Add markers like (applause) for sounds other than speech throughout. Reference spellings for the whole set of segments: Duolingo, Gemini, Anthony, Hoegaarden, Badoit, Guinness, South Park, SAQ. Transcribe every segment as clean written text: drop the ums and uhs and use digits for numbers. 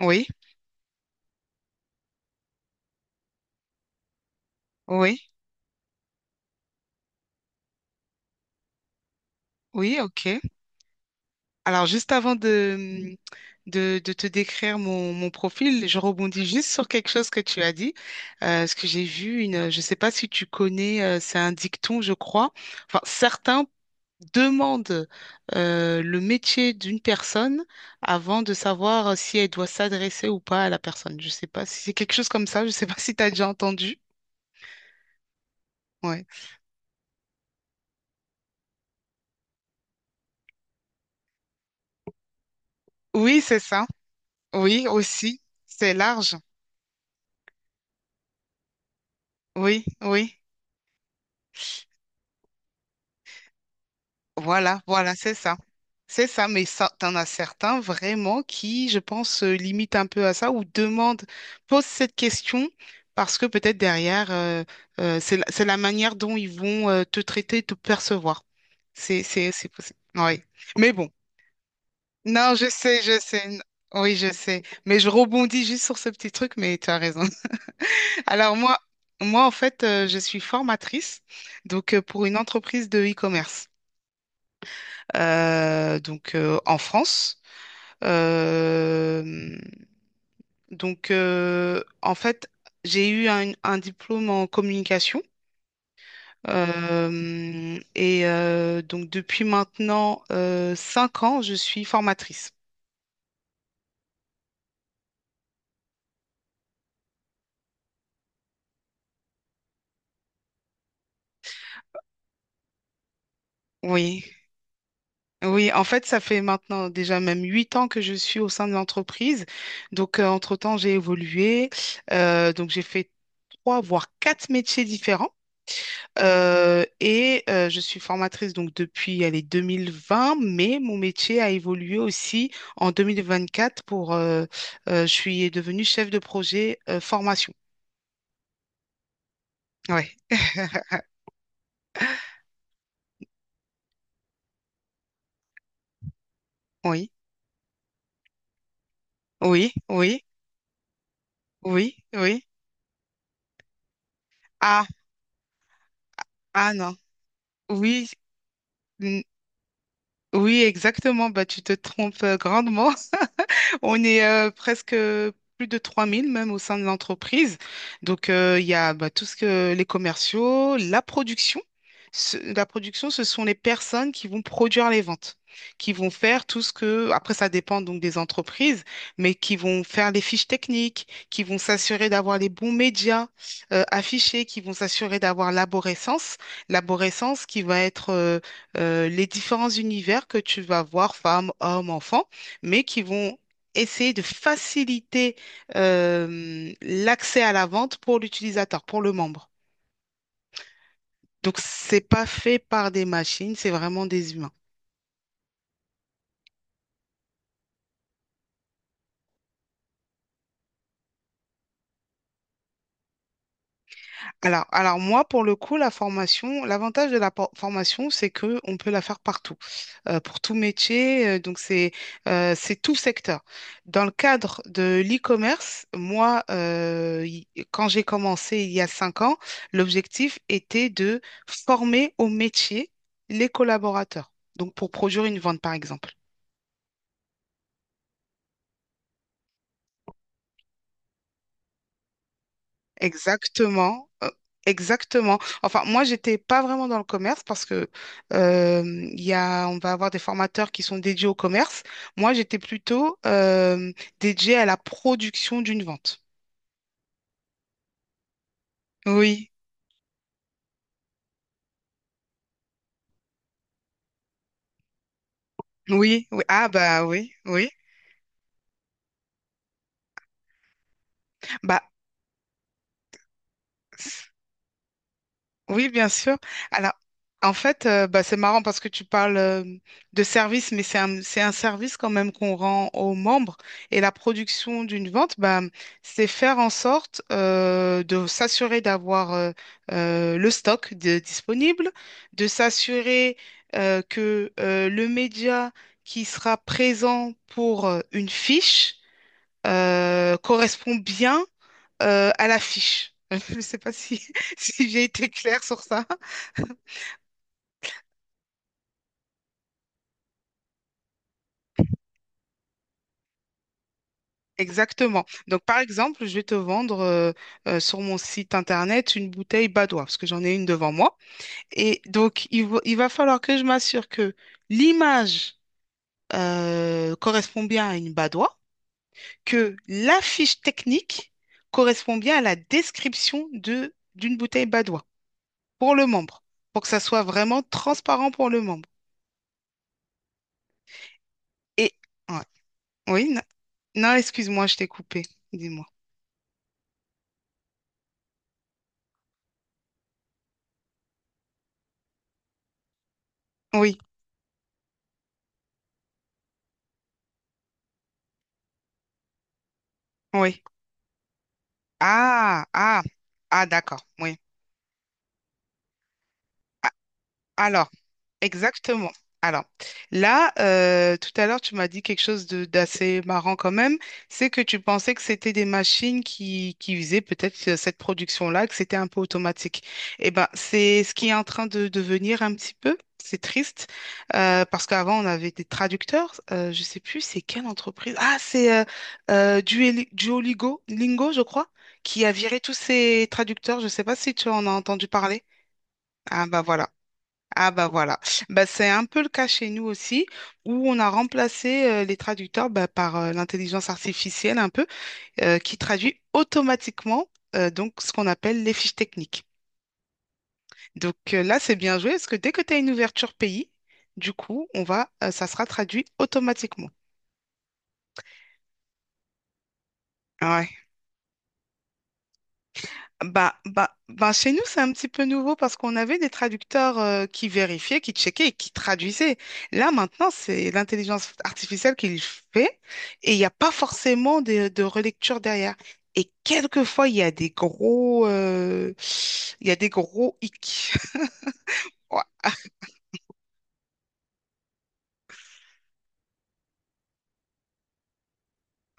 Oui, oui, oui, ok. Alors, juste avant de, de te décrire mon profil, je rebondis juste sur quelque chose que tu as dit. Ce que j'ai vu, une, je ne sais pas si tu connais, c'est un dicton, je crois. Enfin, certains demandent le métier d'une personne avant de savoir si elle doit s'adresser ou pas à la personne. Je ne sais pas si c'est quelque chose comme ça. Je ne sais pas si tu as déjà entendu. Ouais. Oui, c'est ça. Oui, aussi. C'est large. Oui, oui. Voilà, voilà, c'est ça. C'est ça, mais ça, t'en as certains vraiment qui, je pense, se limitent un peu à ça ou demandent, posent cette question parce que peut-être derrière, c'est la manière dont ils vont te traiter, te percevoir. C'est, c'est possible. Oui. Mais bon. Non, je sais, je sais. Oui, je sais. Mais je rebondis juste sur ce petit truc, mais tu as raison. (laughs) Alors moi, moi, en fait, je suis formatrice, donc pour une entreprise de e-commerce donc en France. Euh, en fait, j'ai eu un diplôme en communication. Et donc depuis maintenant 5 ans, je suis formatrice. Oui, oui, en fait, ça fait maintenant déjà même 8 ans que je suis au sein de l'entreprise. Donc, entre-temps, j'ai évolué. Donc, j'ai fait trois, voire quatre métiers différents. Et je suis formatrice donc depuis allez, 2020, mais mon métier a évolué aussi en 2024 pour je suis devenue chef de projet formation. Ouais. (laughs) Oui, oui, oui, oui, oui. Ah, ah non. Oui, n- oui, exactement. Bah, tu te trompes grandement. On est presque plus de 3 000 même au sein de l'entreprise. Donc, il y a bah, tout ce que les commerciaux, la production. La production, ce sont les personnes qui vont produire les ventes, qui vont faire tout ce que, après ça dépend donc des entreprises, mais qui vont faire les fiches techniques, qui vont s'assurer d'avoir les bons médias affichés, qui vont s'assurer d'avoir l'aborescence. L'aborescence qui va être les différents univers que tu vas voir, femmes, hommes, enfants mais qui vont essayer de faciliter l'accès à la vente pour l'utilisateur, pour le membre. Donc, c'est pas fait par des machines, c'est vraiment des humains. Alors moi, pour le coup, la formation, l'avantage de la formation, c'est que on peut la faire partout, pour tout métier. Donc, c'est tout secteur. Dans le cadre de l'e-commerce, moi, quand j'ai commencé il y a 5 ans, l'objectif était de former au métier les collaborateurs. Donc, pour produire une vente, par exemple. Exactement, exactement. Enfin, moi, j'étais pas vraiment dans le commerce parce que euh, il y a, on va avoir des formateurs qui sont dédiés au commerce. Moi, j'étais plutôt dédiée à la production d'une vente. Oui, oui, oui. Ah bah oui, oui. Bah. Oui, bien sûr. Alors, en fait, bah, c'est marrant parce que tu parles de service, mais c'est un service quand même qu'on rend aux membres. Et la production d'une vente, bah, c'est faire en sorte de s'assurer d'avoir le disponible, de s'assurer que le média qui sera présent pour une fiche correspond bien à la fiche. (laughs) Je ne sais pas si, (laughs) si j'ai été claire sur ça. Exactement. Donc, par exemple, je vais te vendre sur mon site internet une bouteille Badoit, parce que j'en ai une devant moi. Et donc, il va falloir que je m'assure que l'image correspond bien à une Badoit, que la fiche technique correspond bien à la description de, d'une bouteille Badoit pour le membre, pour que ça soit vraiment transparent pour le membre. Et, ouais. Oui, non, non, excuse-moi, je t'ai coupé. Dis-moi. Oui, oui. Ah, ah, ah, d'accord. Oui. Ah, alors, exactement. Alors, là, tout à l'heure, tu m'as dit quelque chose de d'assez marrant quand même, c'est que tu pensais que c'était des machines qui faisaient peut-être cette production-là, que c'était un peu automatique. Eh ben, c'est ce qui est en train de devenir un petit peu. C'est triste, parce qu'avant, on avait des traducteurs. Je sais plus, c'est quelle entreprise? Ah, c'est Duolingo, Lingo, je crois, qui a viré tous ses traducteurs. Je sais pas si tu en as entendu parler. Ah, bah voilà. Ah bah voilà, bah, c'est un peu le cas chez nous aussi, où on a remplacé les traducteurs bah, par l'intelligence artificielle un peu, qui traduit automatiquement donc ce qu'on appelle les fiches techniques. Donc là, c'est bien joué, parce que dès que tu as une ouverture pays, du coup, on va, ça sera traduit automatiquement. Ouais. Bah, chez nous, c'est un petit peu nouveau parce qu'on avait des traducteurs qui vérifiaient, qui checkaient et qui traduisaient. Là, maintenant, c'est l'intelligence artificielle qui le fait et il n'y a pas forcément de relecture derrière. Et quelquefois, il y a des gros hic. (laughs)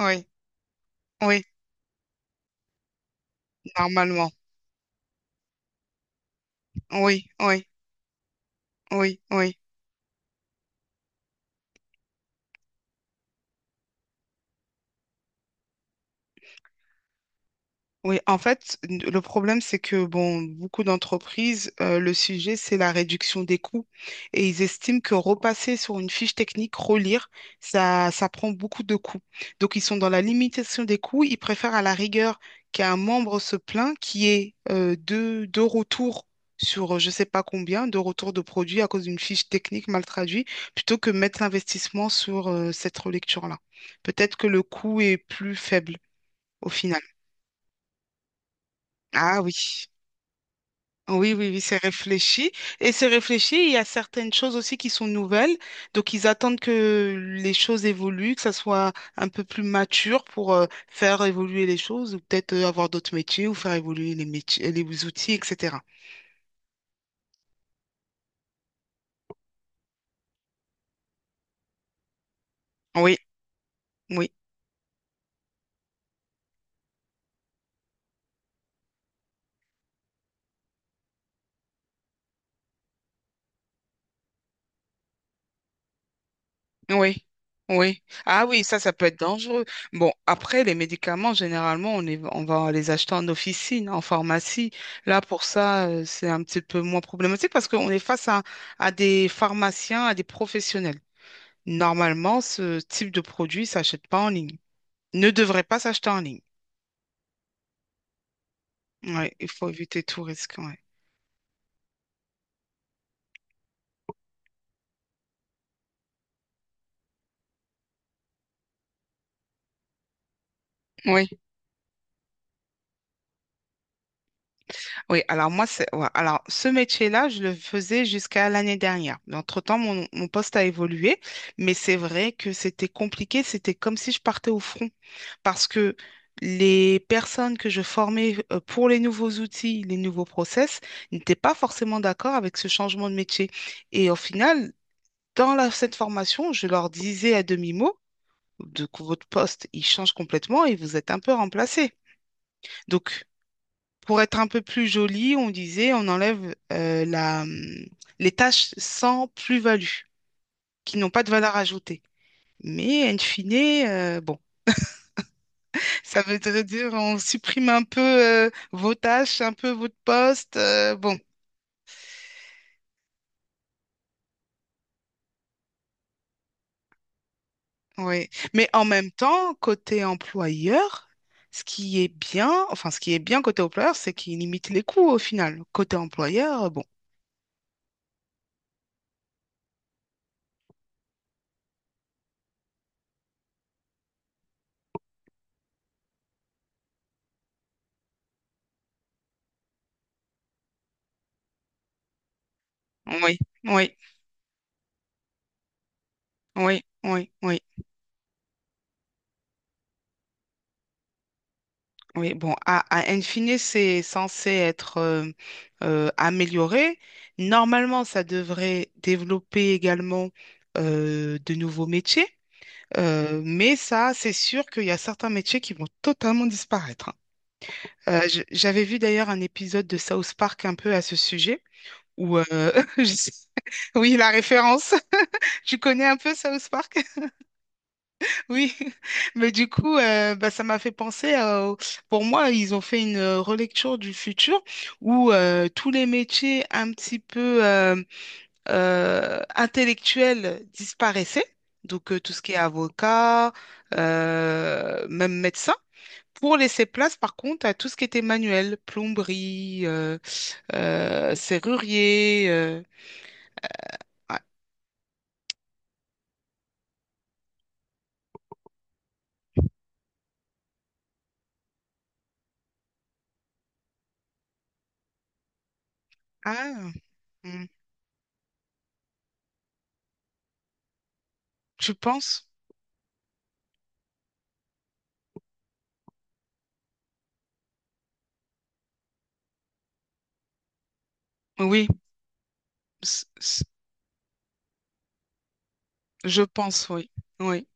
Ouais, oui, oui, normalement. Oui, oui, oui, oui. Oui, en fait, le problème, c'est que bon, beaucoup d'entreprises, le sujet, c'est la réduction des coûts. Et ils estiment que repasser sur une fiche technique, relire, ça prend beaucoup de coûts. Donc, ils sont dans la limitation des coûts. Ils préfèrent à la rigueur qu'un membre se plaint, deux retours sur je ne sais pas combien, deux retours de produits à cause d'une fiche technique mal traduite, plutôt que mettre l'investissement sur cette relecture-là. Peut-être que le coût est plus faible au final. Ah oui. Oui, oui, oui, c'est réfléchi. Et c'est réfléchi, il y a certaines choses aussi qui sont nouvelles. Donc, ils attendent que les choses évoluent, que ça soit un peu plus mature pour faire évoluer les choses ou peut-être avoir d'autres métiers ou faire évoluer les métiers, les outils, etc. Oui, oui. Oui, oui. Ah oui, ça peut être dangereux. Bon, après, les médicaments, généralement, on va les acheter en officine, en pharmacie. Là, pour ça, c'est un petit peu moins problématique parce qu'on est face à des pharmaciens, à des professionnels. Normalement, ce type de produit s'achète pas en ligne. Ne devrait pas s'acheter en ligne. Ouais, il faut éviter tout risque. Ouais. Oui. Oui, alors moi, c'est, ouais, alors ce métier-là, je le faisais jusqu'à l'année dernière. Mais entre-temps, mon poste a évolué, mais c'est vrai que c'était compliqué. C'était comme si je partais au front parce que les personnes que je formais pour les nouveaux outils, les nouveaux process, n'étaient pas forcément d'accord avec ce changement de métier. Et au final, cette formation, je leur disais à demi-mot de que votre poste, il change complètement et vous êtes un peu remplacé. Donc, pour être un peu plus joli, on disait, on enlève les tâches sans plus-value, qui n'ont pas de valeur ajoutée. Mais in fine, bon, (laughs) ça veut dire on supprime un peu vos tâches, un peu votre poste. Bon, oui. Mais en même temps, côté employeur, ce qui est bien, enfin, ce qui est bien côté employeur, c'est qu'il limite les coûts au final. Côté employeur, bon, oui, oui, oui, oui, oui. Oui, bon, à in fine, c'est censé être amélioré. Normalement, ça devrait développer également de nouveaux métiers. Mais ça, c'est sûr qu'il y a certains métiers qui vont totalement disparaître, hein. J'avais vu d'ailleurs un épisode de South Park un peu à ce sujet, où, (laughs) je sais- oui, la référence, (laughs) tu connais un peu South Park? Oui, (laughs) mais du coup, bah, ça m'a fait penser à... Pour moi, ils ont fait une relecture du futur où tous les métiers un petit peu intellectuels disparaissaient. Donc, tout ce qui est avocat, même médecin, pour laisser place, par contre, à tout ce qui était manuel, plomberie, serrurier. Ah, ah, hmm. Tu penses? Oui, c- c- je pense, oui. Oui.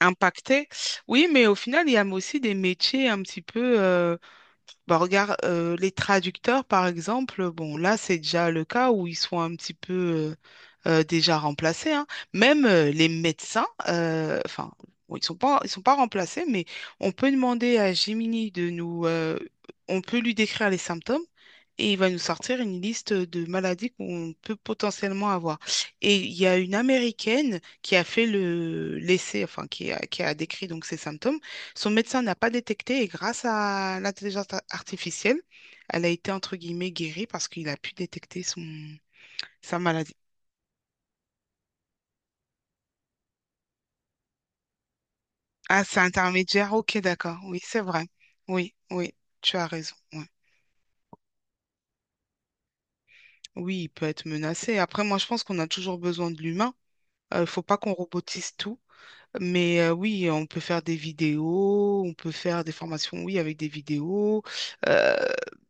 Impacté. Oui, mais au final, il y a aussi des métiers un petit peu bah, regarde, les traducteurs, par exemple, bon, là, c'est déjà le cas où ils sont un petit peu déjà remplacés, hein. Même les médecins, enfin, bon, ils sont pas remplacés, mais on peut demander à Gemini de nous, on peut lui décrire les symptômes et il va nous sortir une liste de maladies qu'on peut potentiellement avoir. Et il y a une Américaine qui a fait le, l'essai, enfin, qui a décrit donc ses symptômes. Son médecin n'a pas détecté et grâce à l'intelligence artificielle, elle a été entre guillemets guérie parce qu'il a pu détecter son, sa maladie. Ah, c'est intermédiaire, ok, d'accord. Oui, c'est vrai. Oui, oui, tu as raison. Ouais. Oui, il peut être menacé. Après, moi, je pense qu'on a toujours besoin de l'humain. Il faut pas qu'on robotise tout. Mais oui, on peut faire des vidéos, on peut faire des formations, oui, avec des vidéos. Euh,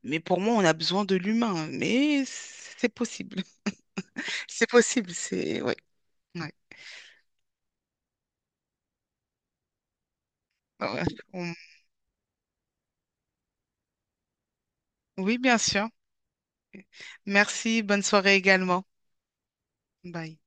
mais pour moi, on a besoin de l'humain. Mais c'est possible. (laughs) C'est possible, c'est... ouais. Ouais. Ouais. (laughs) On- Oui, bien sûr. Merci. Bonne soirée également. Bye.